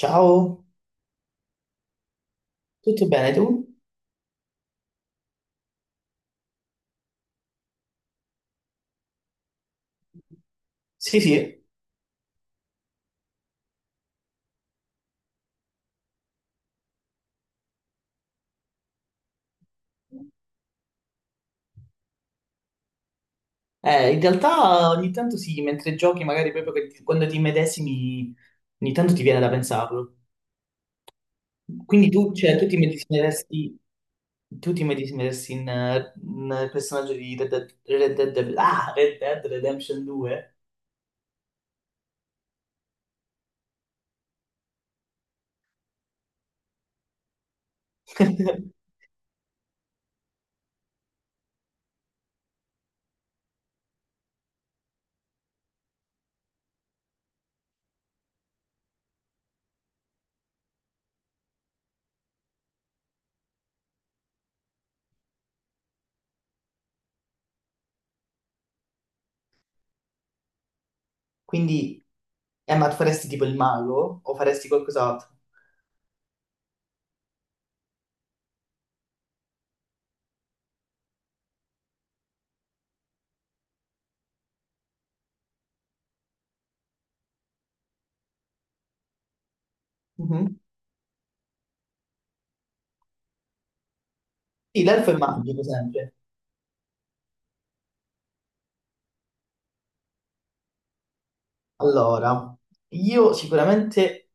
Ciao, tutto bene tu? Sì, sì, in realtà ogni tanto sì, mentre giochi magari proprio quando ti immedesimi, ogni tanto ti viene da pensarlo. Quindi tu, cioè, tu ti immedesimeresti, in, in personaggio di Red Dead Redemption 2? Quindi, ma tu faresti tipo il mago o faresti qualcos'altro? Mhm. Sì, l'elfo è magico sempre. Allora, io sicuramente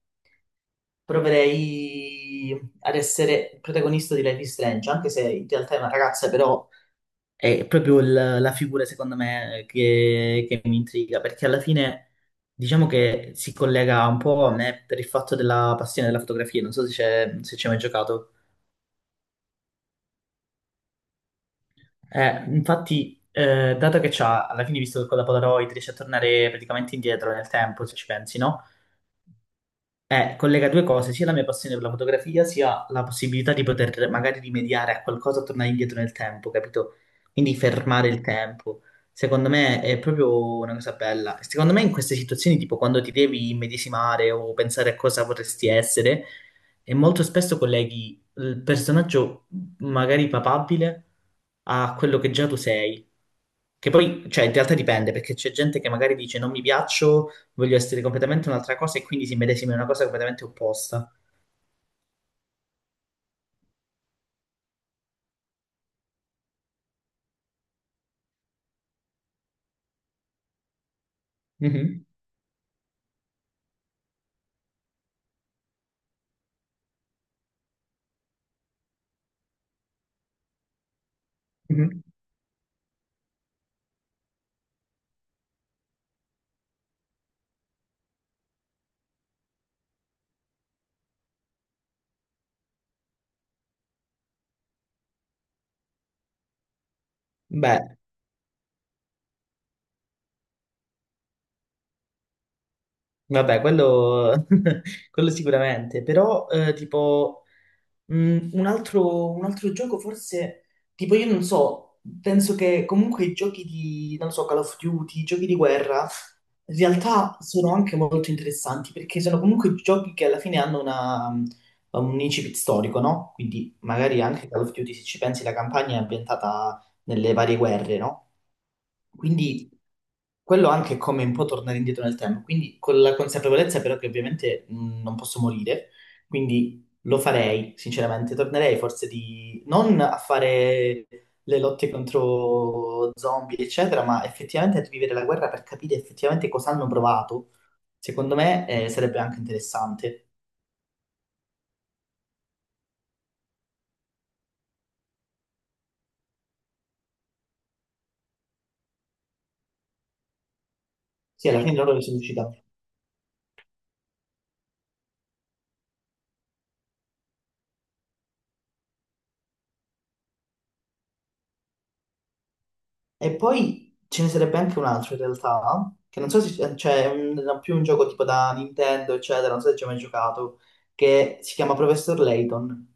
proverei ad essere il protagonista di Life is Strange, anche se in realtà è una ragazza, però è la figura, secondo me, che mi intriga, perché alla fine diciamo che si collega un po' a me per il fatto della passione della fotografia, non so se ci hai mai giocato. Infatti, dato che c'ha, alla fine, visto che con la Polaroid riesce a tornare praticamente indietro nel tempo, se ci pensi, no? Collega due cose, sia la mia passione per la fotografia, sia la possibilità di poter magari rimediare a qualcosa, tornare indietro nel tempo, capito? Quindi fermare il tempo. Secondo me è proprio una cosa bella. Secondo me in queste situazioni, tipo quando ti devi immedesimare o pensare a cosa vorresti essere, e molto spesso colleghi il personaggio magari papabile a quello che già tu sei. Che poi, cioè, in realtà dipende, perché c'è gente che magari dice non mi piaccio, voglio essere completamente un'altra cosa e quindi si medesima in una cosa completamente opposta. Mhm, mhm. Beh, vabbè, quello, quello sicuramente, però tipo un altro gioco forse. Tipo io non so, penso che comunque i giochi di, non so, Call of Duty, i giochi di guerra, in realtà sono anche molto interessanti perché sono comunque giochi che alla fine hanno un incipit storico, no? Quindi magari anche Call of Duty, se ci pensi, la campagna è ambientata nelle varie guerre, no? Quindi quello anche è come un po' tornare indietro nel tempo, quindi con la consapevolezza però che ovviamente non posso morire, quindi lo farei, sinceramente, tornerei forse di non a fare le lotte contro zombie, eccetera, ma effettivamente a vivere la guerra per capire effettivamente cosa hanno provato. Secondo me sarebbe anche interessante. Sì, alla fine loro si riusciti. E poi ce ne sarebbe anche un altro in realtà, che non so se cioè, più un gioco tipo da Nintendo, eccetera, non so se ci hai mai giocato, che si chiama Professor Layton.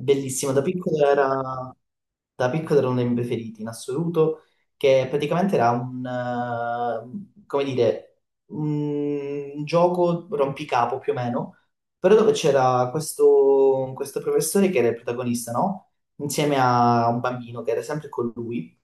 Bellissimo, da piccolo era uno dei miei preferiti in assoluto, che praticamente era un, come dire, un gioco rompicapo più o meno, però dove c'era questo professore che era il protagonista, no? Insieme a un bambino che era sempre con lui.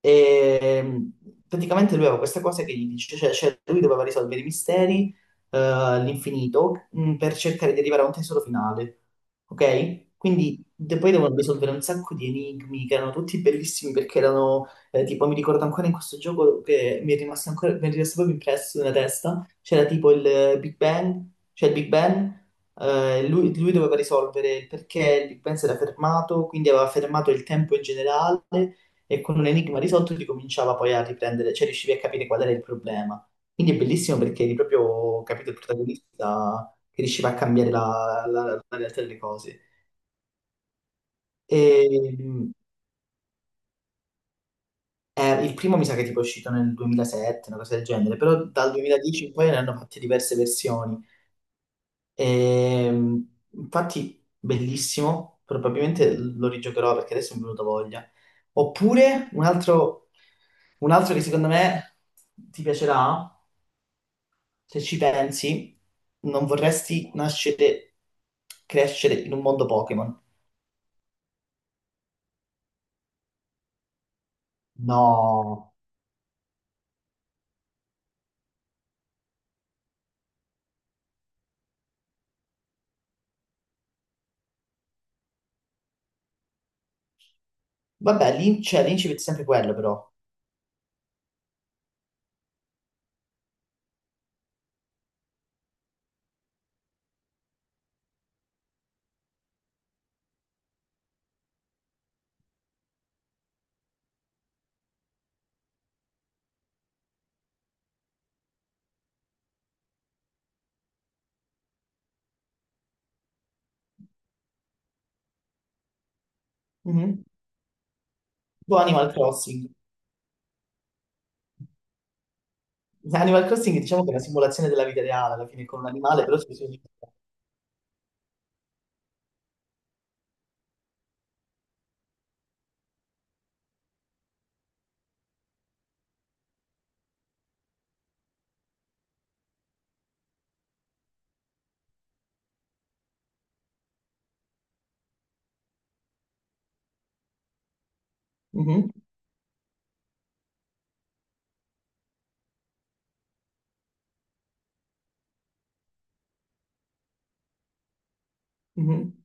E praticamente lui aveva questa cosa che gli dice, cioè lui doveva risolvere i misteri all'infinito per cercare di arrivare a un tesoro finale. Ok? Quindi poi devono risolvere un sacco di enigmi che erano tutti bellissimi perché erano, tipo, mi ricordo ancora in questo gioco che mi è rimasto proprio impresso nella testa, c'era tipo il Big Bang, cioè il Big Bang, lui doveva risolvere il perché il Big Bang si era fermato, quindi aveva fermato il tempo in generale e con un enigma risolto ricominciava poi a riprendere, cioè riuscivi a capire qual era il problema. Quindi è bellissimo perché eri proprio, capito, il protagonista che riusciva a cambiare la, la realtà delle cose. E, il primo mi sa che tipo è uscito nel 2007, una cosa del genere, però dal 2010 in poi ne hanno fatte diverse versioni. E, infatti, bellissimo, probabilmente lo rigiocherò perché adesso mi è venuta voglia. Oppure un altro, che secondo me ti piacerà, se ci pensi, non vorresti nascere, crescere in un mondo Pokémon. No, vabbè, cioè, l'incipit è sempre quello, però. Mhm. Tipo Animal Crossing. Animal Crossing diciamo che è una simulazione della vita reale, alla fine con un animale, però si sono. Mhm. Mhm.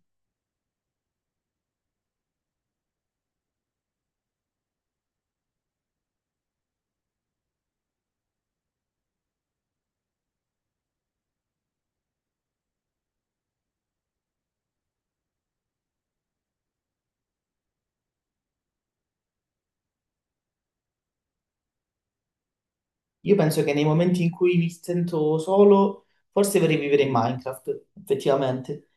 Io penso che nei momenti in cui mi sento solo, forse vorrei vivere in Minecraft, effettivamente.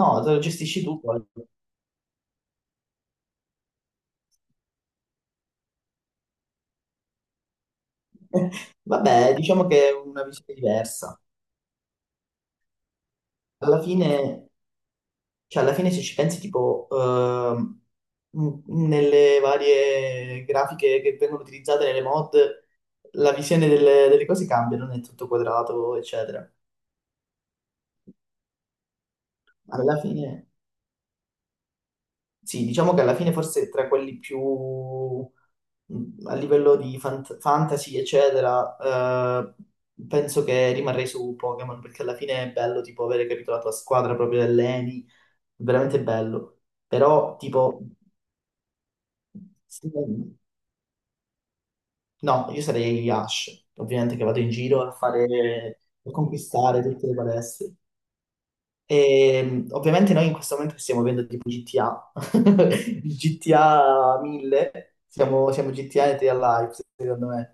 No, te lo gestisci tu poi. Vabbè, diciamo che è una visione diversa. Alla fine Cioè, alla fine se ci pensi, tipo, nelle varie grafiche che vengono utilizzate nelle mod, la visione delle cose cambia, non è tutto quadrato, eccetera. Alla fine, sì, diciamo che alla fine forse tra quelli più a livello di fantasy, eccetera, eh, penso che rimarrei su Pokémon, perché alla fine è bello, tipo, avere capito la tua squadra proprio dell'ENI, veramente bello. Però, tipo. Sì, no, io sarei Ash, ovviamente che vado in giro a fare, a conquistare tutte le palestre. E ovviamente noi in questo momento stiamo vivendo tipo GTA, il GTA 1000, siamo GTA e T A Live, secondo me.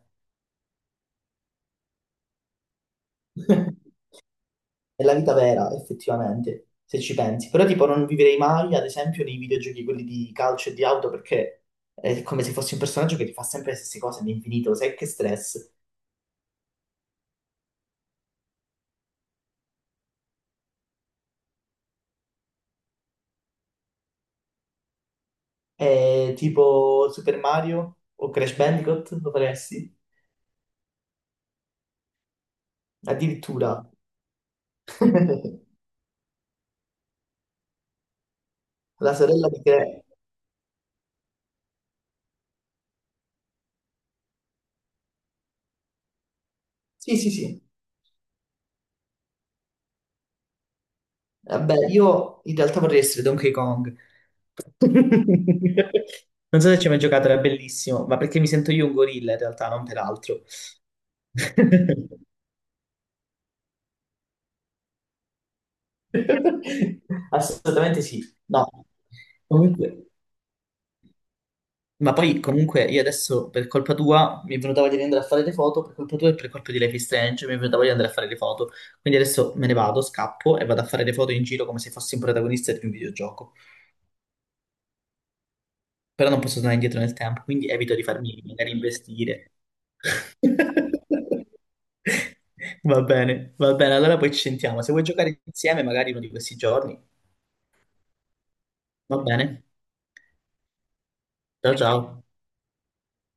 È la vita vera, effettivamente, se ci pensi. Però tipo non vivrei mai, ad esempio, nei videogiochi quelli di calcio e di auto, perché è come se fossi un personaggio che ti fa sempre le stesse cose all'infinito, sai che stress. Tipo Super Mario o Crash Bandicoot, lo faresti? Addirittura. La sorella di Crash. Sì, sì, sì. Vabbè, io in realtà vorrei essere Donkey Kong. Non so se ci hai mai giocato, era bellissimo, ma perché mi sento io un gorilla in realtà, non per altro. Assolutamente sì. No. Comunque. Ma poi comunque io adesso per colpa tua mi è venuta voglia di andare a fare le foto, per colpa tua e per colpa di Life is Strange mi è venuta voglia di andare a fare le foto. Quindi adesso me ne vado, scappo e vado a fare le foto in giro come se fossi un protagonista di un videogioco. Però non posso tornare indietro nel tempo, quindi evito di farmi magari investire. Va bene, allora poi ci sentiamo. Se vuoi giocare insieme magari uno di questi giorni, va bene. Ciao ciao.